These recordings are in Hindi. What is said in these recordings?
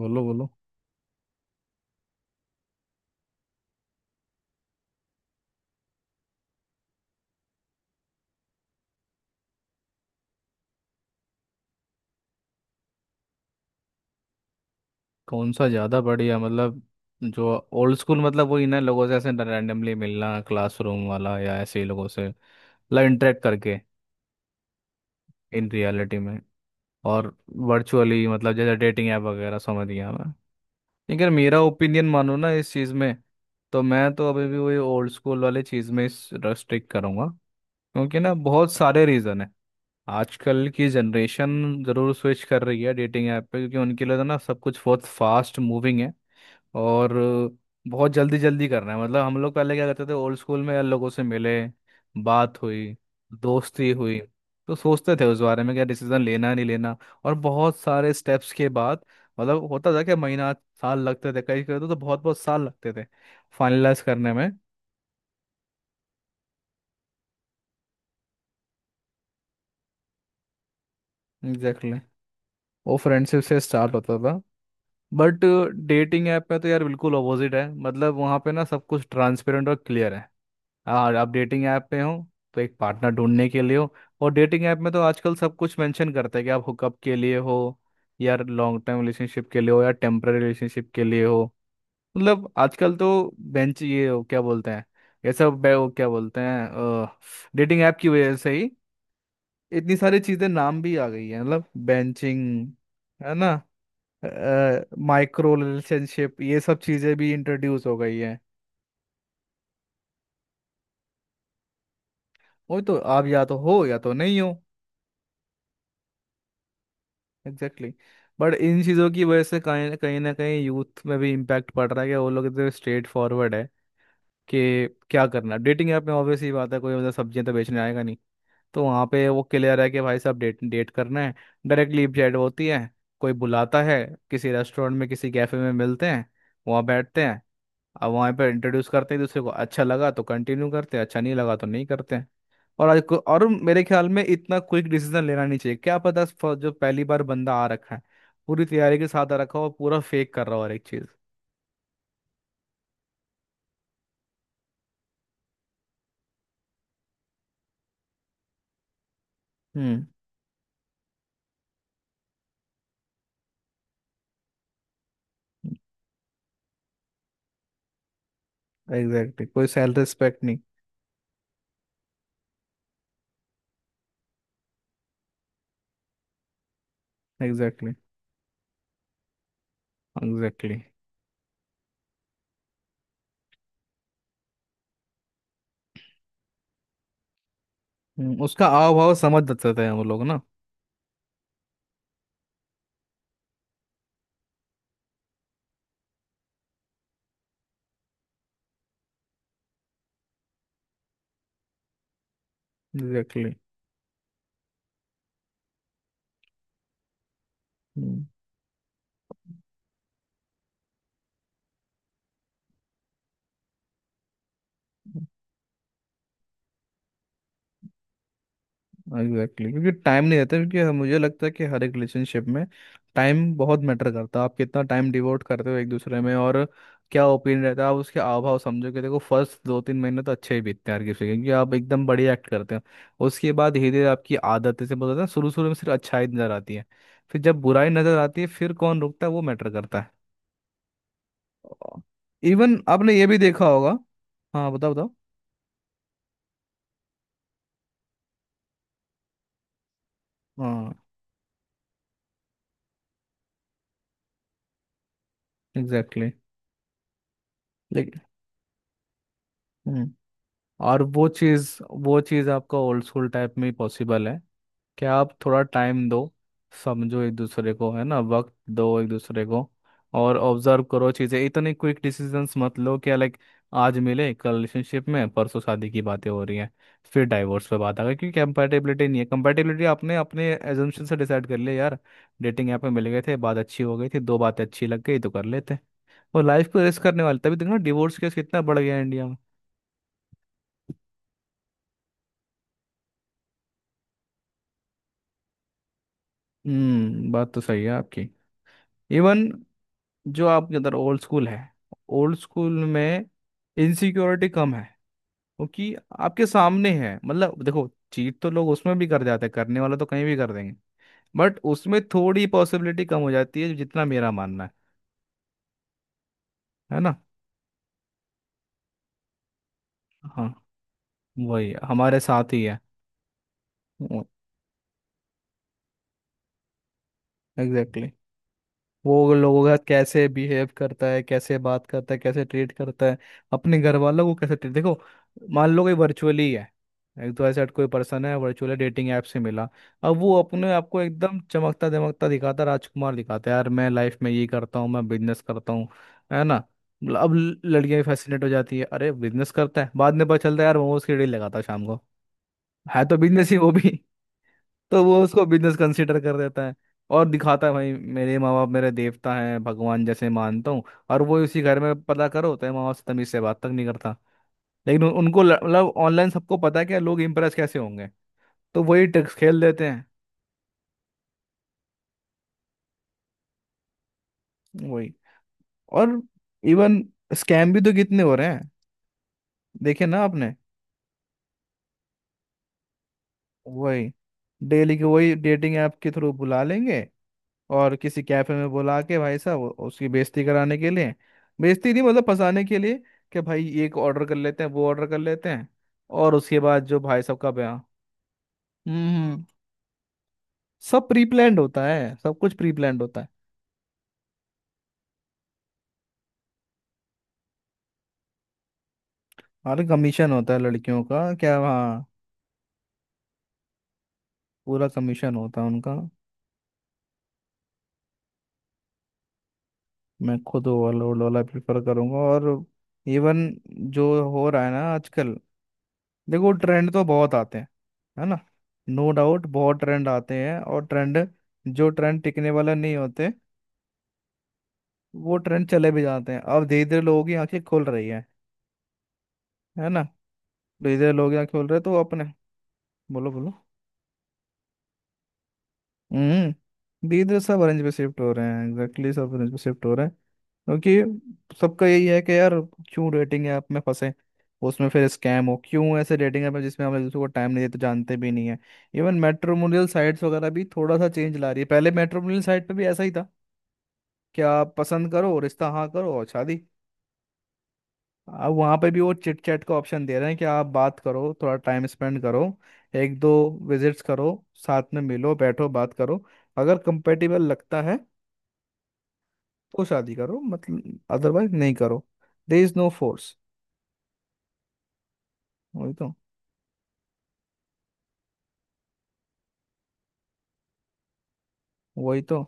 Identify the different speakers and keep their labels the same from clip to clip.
Speaker 1: बोलो बोलो। कौन सा ज़्यादा बढ़िया मतलब जो ओल्ड स्कूल मतलब वही ना, लोगों से ऐसे रैंडमली मिलना, क्लासरूम वाला, या ऐसे ही लोगों से मतलब इंटरेक्ट करके, इन रियलिटी में, और वर्चुअली मतलब जैसे डेटिंग ऐप वगैरह, समझ गया मैं. लेकिन अगर मेरा ओपिनियन मानो ना इस चीज़ में, तो मैं तो अभी भी वही ओल्ड स्कूल वाले चीज़ में रेस्ट्रिक्ट करूँगा. क्योंकि ना बहुत सारे रीज़न है. आजकल की जनरेशन ज़रूर स्विच कर रही है डेटिंग ऐप पे, क्योंकि उनके लिए तो ना सब कुछ बहुत फास्ट मूविंग है. और बहुत जल्दी जल्दी करना है. मतलब हम लोग पहले क्या करते थे ओल्ड स्कूल में, लोगों से मिले, बात हुई, दोस्ती हुई, तो सोचते थे उस बारे में क्या डिसीजन लेना नहीं लेना. और बहुत सारे स्टेप्स के बाद मतलब होता था कि महीना, साल लगते थे, कई कई, तो बहुत बहुत साल लगते थे फाइनलाइज करने में. Exactly exactly. वो फ्रेंडशिप से स्टार्ट होता था. बट डेटिंग ऐप में तो यार बिल्कुल अपोजिट है. मतलब वहाँ पे ना सब कुछ ट्रांसपेरेंट और क्लियर है. और आप डेटिंग ऐप पे हो तो एक पार्टनर ढूंढने के लिए हो. और डेटिंग ऐप में तो आजकल सब कुछ मेंशन करते हैं कि आप हुकअप के लिए हो, या लॉन्ग टर्म रिलेशनशिप के लिए हो, या टेम्पररी रिलेशनशिप के लिए हो. मतलब आजकल तो बेंच, ये हो क्या बोलते हैं, वो क्या बोलते हैं, डेटिंग ऐप की वजह से ही इतनी सारी चीज़ें नाम भी आ गई हैं. मतलब बेंचिंग है ना, माइक्रो रिलेशनशिप, ये सब चीज़ें भी इंट्रोड्यूस हो गई हैं. वो तो आप या तो हो या तो नहीं हो. Exactly exactly. बट इन चीज़ों की वजह से कहीं ना कहीं ना कहीं यूथ में भी इम्पैक्ट पड़ रहा है, कि वो लोग इतने स्ट्रेट फॉरवर्ड है कि क्या करना. डेटिंग ऐप में ऑब्वियस ही बात है, कोई मतलब सब्जियां तो बेचने आएगा नहीं. तो वहाँ पे वो क्लियर है कि भाई साहब डेट डेट करना है. डायरेक्टली चैट होती है, कोई बुलाता है किसी रेस्टोरेंट में, किसी कैफे में मिलते हैं, वहाँ बैठते हैं. अब वहाँ पे इंट्रोड्यूस करते हैं दूसरे को, अच्छा लगा तो कंटिन्यू करते हैं, अच्छा नहीं लगा तो नहीं करते हैं. और मेरे ख्याल में इतना क्विक डिसीजन लेना नहीं चाहिए. क्या पता, जो पहली बार बंदा आ रखा है, पूरी तैयारी के साथ आ रखा हो और पूरा फेक कर रहा हो हर एक चीज. हम्म. एग्जैक्टली, कोई सेल्फ रिस्पेक्ट नहीं. एग्जैक्टली. एग्जैक्टली, उसका हाव भाव समझ सकते हैं हम लोग ना. एग्जैक्टली. Exactly exactly. क्योंकि टाइम नहीं रहता. मुझे लगता है कि हर एक रिलेशनशिप में टाइम बहुत मैटर करता है. आप कितना टाइम डिवोट करते हो एक दूसरे में, और क्या ओपिनियन रहता है आप उसके हाव भाव समझो. कि देखो फर्स्ट दो तीन महीने तो अच्छे ही बीतते हैं हर किसी के, क्योंकि आप एकदम बढ़िया एक्ट करते हैं. उसके बाद धीरे धीरे आपकी आदत से बोलते हैं ना, शुरू शुरू में सिर्फ अच्छाई नजर आती है. फिर जब बुराई नजर आती है, फिर कौन रुकता है वो मैटर करता है. इवन आपने ये भी देखा होगा. हाँ बताओ बताओ. हाँ, एग्जैक्टली. लेकिन और वो चीज़, वो चीज़ आपका ओल्ड स्कूल टाइप में ही पॉसिबल है, कि आप थोड़ा टाइम दो, समझो एक दूसरे को, है ना, वक्त दो एक दूसरे को. और ऑब्जर्व करो चीज़ें, इतने क्विक डिसीजंस मत लो कि लाइक आज मिले, कल रिलेशनशिप में, परसों शादी की बातें हो रही हैं, फिर डाइवोर्स पे बात आ गई, क्योंकि कंपैटिबिलिटी नहीं है. कंपैटिबिलिटी आपने अपने एजम्पशन से डिसाइड कर लिया यार. डेटिंग ऐप में मिल गए थे, बात अच्छी हो गई थी, दो बातें अच्छी लग गई तो कर लेते और लाइफ को रिस्क करने वाले. तभी देखो डिवोर्स केस कितना बढ़ गया है इंडिया में. हम्म, बात तो सही है आपकी. इवन जो आपके अंदर ओल्ड स्कूल है, ओल्ड स्कूल में इनसिक्योरिटी कम है. क्योंकि आपके सामने है, मतलब देखो चीट तो लोग उसमें भी कर जाते हैं, करने वाला तो कहीं भी कर देंगे. बट उसमें थोड़ी पॉसिबिलिटी कम हो जाती है जितना मेरा मानना है. है ना. हाँ, वही हमारे साथ ही है. एग्जैक्टली. वो लोगों का कैसे बिहेव करता है, कैसे बात करता है, कैसे ट्रीट करता है, अपने घर वालों को कैसे ट्रीट देखो. मान लो कोई वर्चुअली है, एक तो ऐसा कोई पर्सन है वर्चुअली डेटिंग ऐप से मिला. अब वो अपने आप को एकदम चमकता दमकता दिखाता, राजकुमार दिखाता है. यार मैं लाइफ में ये करता हूँ, मैं बिजनेस करता हूँ. है ना. अब लड़कियां भी फैसिनेट हो जाती है, अरे बिजनेस करता है. बाद में पता चलता है यार मोमोज की रेडी लगाता है शाम को. है तो बिजनेस ही, वो भी. तो वो उसको बिजनेस कंसीडर कर देता है. और दिखाता है भाई मेरे माँ बाप मेरे देवता हैं, भगवान जैसे मानता हूँ. और वो उसी घर में पता करो तो माँ बाप से तमीज से बात तक नहीं करता. उनको मतलब ऑनलाइन सबको पता है कि लोग इम्प्रेस कैसे होंगे, तो वही ट्रिक्स खेल देते हैं. वही. और इवन स्कैम भी तो कितने हो रहे हैं, देखे ना आपने. वही, डेली के वही डेटिंग ऐप के थ्रू बुला लेंगे और किसी कैफे में बुला के भाई साहब, उसकी बेइज्जती कराने के लिए, बेइज्जती नहीं मतलब फंसाने के लिए. कि भाई एक ऑर्डर कर लेते हैं, वो ऑर्डर कर लेते हैं, और उसके बाद जो भाई साहब का बयान. हम्म. सब प्री प्लान्ड होता है, सब कुछ प्री प्लान्ड होता है. अरे कमीशन होता है लड़कियों का, क्या हाँ, पूरा कमीशन होता है उनका. मैं खुद ओवरलोड वाला वाला प्रेफर करूंगा. और इवन जो हो रहा है ना आजकल, देखो ट्रेंड तो बहुत आते हैं. है ना. नो डाउट बहुत ट्रेंड आते हैं, और ट्रेंड, जो ट्रेंड टिकने वाला नहीं होते, वो ट्रेंड चले भी जाते हैं. अब धीरे धीरे लोगों की आंखें खुल रही है. है ना. धीरे धीरे लोग आंखें खुल रहे हैं तो अपने. बोलो बोलो. हम्म, धीरे धीरे सब ऑरेंज पे शिफ्ट हो रहे हैं. एग्जैक्टली exactly, सब ऑरेंज पे शिफ्ट हो रहे हैं. क्योंकि सबका यही है कि यार क्यों रेटिंग ऐप में फंसे, उसमें फिर स्कैम हो, क्यों ऐसे रेटिंग ऐप है जिसमें हम एक दूसरे को टाइम नहीं देते, जानते भी नहीं है. इवन मैट्रिमोनियल साइट्स वगैरह भी थोड़ा सा चेंज ला रही है. पहले मैट्रिमोनियल साइट पे भी ऐसा ही था कि आप पसंद करो, रिश्ता हाँ करो, और शादी. अब वहाँ पे भी वो चिट चैट का ऑप्शन दे रहे हैं कि आप बात करो, थोड़ा टाइम स्पेंड करो, एक दो विजिट्स करो, साथ में मिलो, बैठो, बात करो. अगर कंपेटिबल लगता है तो शादी करो, मतलब अदरवाइज नहीं करो. They is no force. वही तो. वही तो.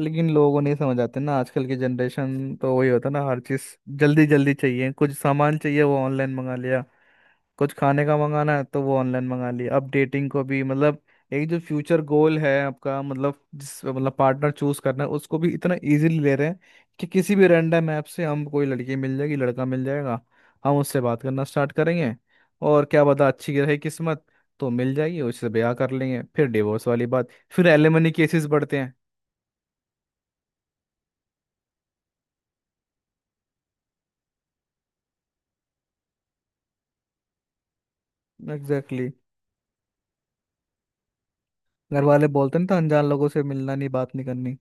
Speaker 1: लेकिन लोगों नहीं समझ आते ना, आजकल की जनरेशन तो वही होता ना हर चीज जल्दी जल्दी चाहिए. कुछ सामान चाहिए वो ऑनलाइन मंगा लिया, कुछ खाने का मंगाना है तो वो ऑनलाइन मंगा लिया. अब डेटिंग को भी मतलब, एक जो फ्यूचर गोल है आपका, मतलब जिस मतलब पार्टनर चूज करना है, उसको भी इतना इजीली ले रहे हैं कि किसी भी रैंडम ऐप से हम कोई लड़की मिल जाएगी, लड़का मिल जाएगा, हम उससे बात करना स्टार्ट करेंगे, और क्या पता अच्छी रही किस्मत तो मिल जाएगी, उससे ब्याह कर लेंगे, फिर डिवोर्स वाली बात, फिर एलिमनी केसेस बढ़ते हैं. Exactly exactly. घर वाले बोलते ना, तो अनजान लोगों से मिलना नहीं, बात नहीं करनी.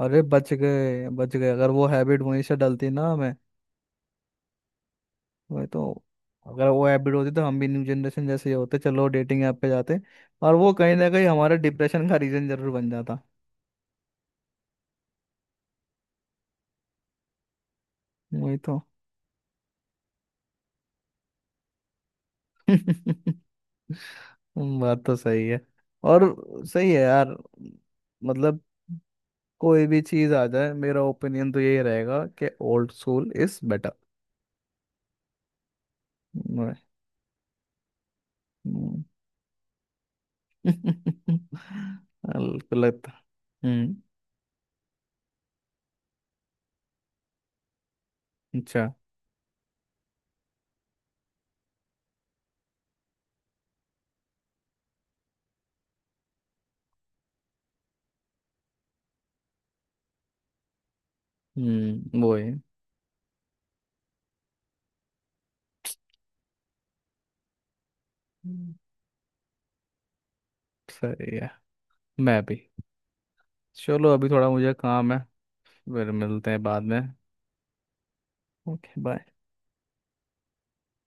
Speaker 1: अरे बच गए बच गए, अगर वो हैबिट वहीं से डलती ना हमें. वही तो. अगर वो हैबिट होती तो हम भी न्यू जनरेशन जैसे ही होते, चलो डेटिंग ऐप पे जाते, और वो कहीं ना कहीं हमारे डिप्रेशन का रीजन जरूर बन जाता. वही तो. बात तो सही है. और सही है यार. मतलब कोई भी चीज आ जाए मेरा ओपिनियन तो यही रहेगा कि ओल्ड स्कूल इज बेटर. बिल्कुल लगता. हम्म. अच्छा. हम्म, वो है. हम्म, सही है. मैं भी. चलो अभी थोड़ा मुझे काम है, फिर मिलते हैं बाद में. Okay bye.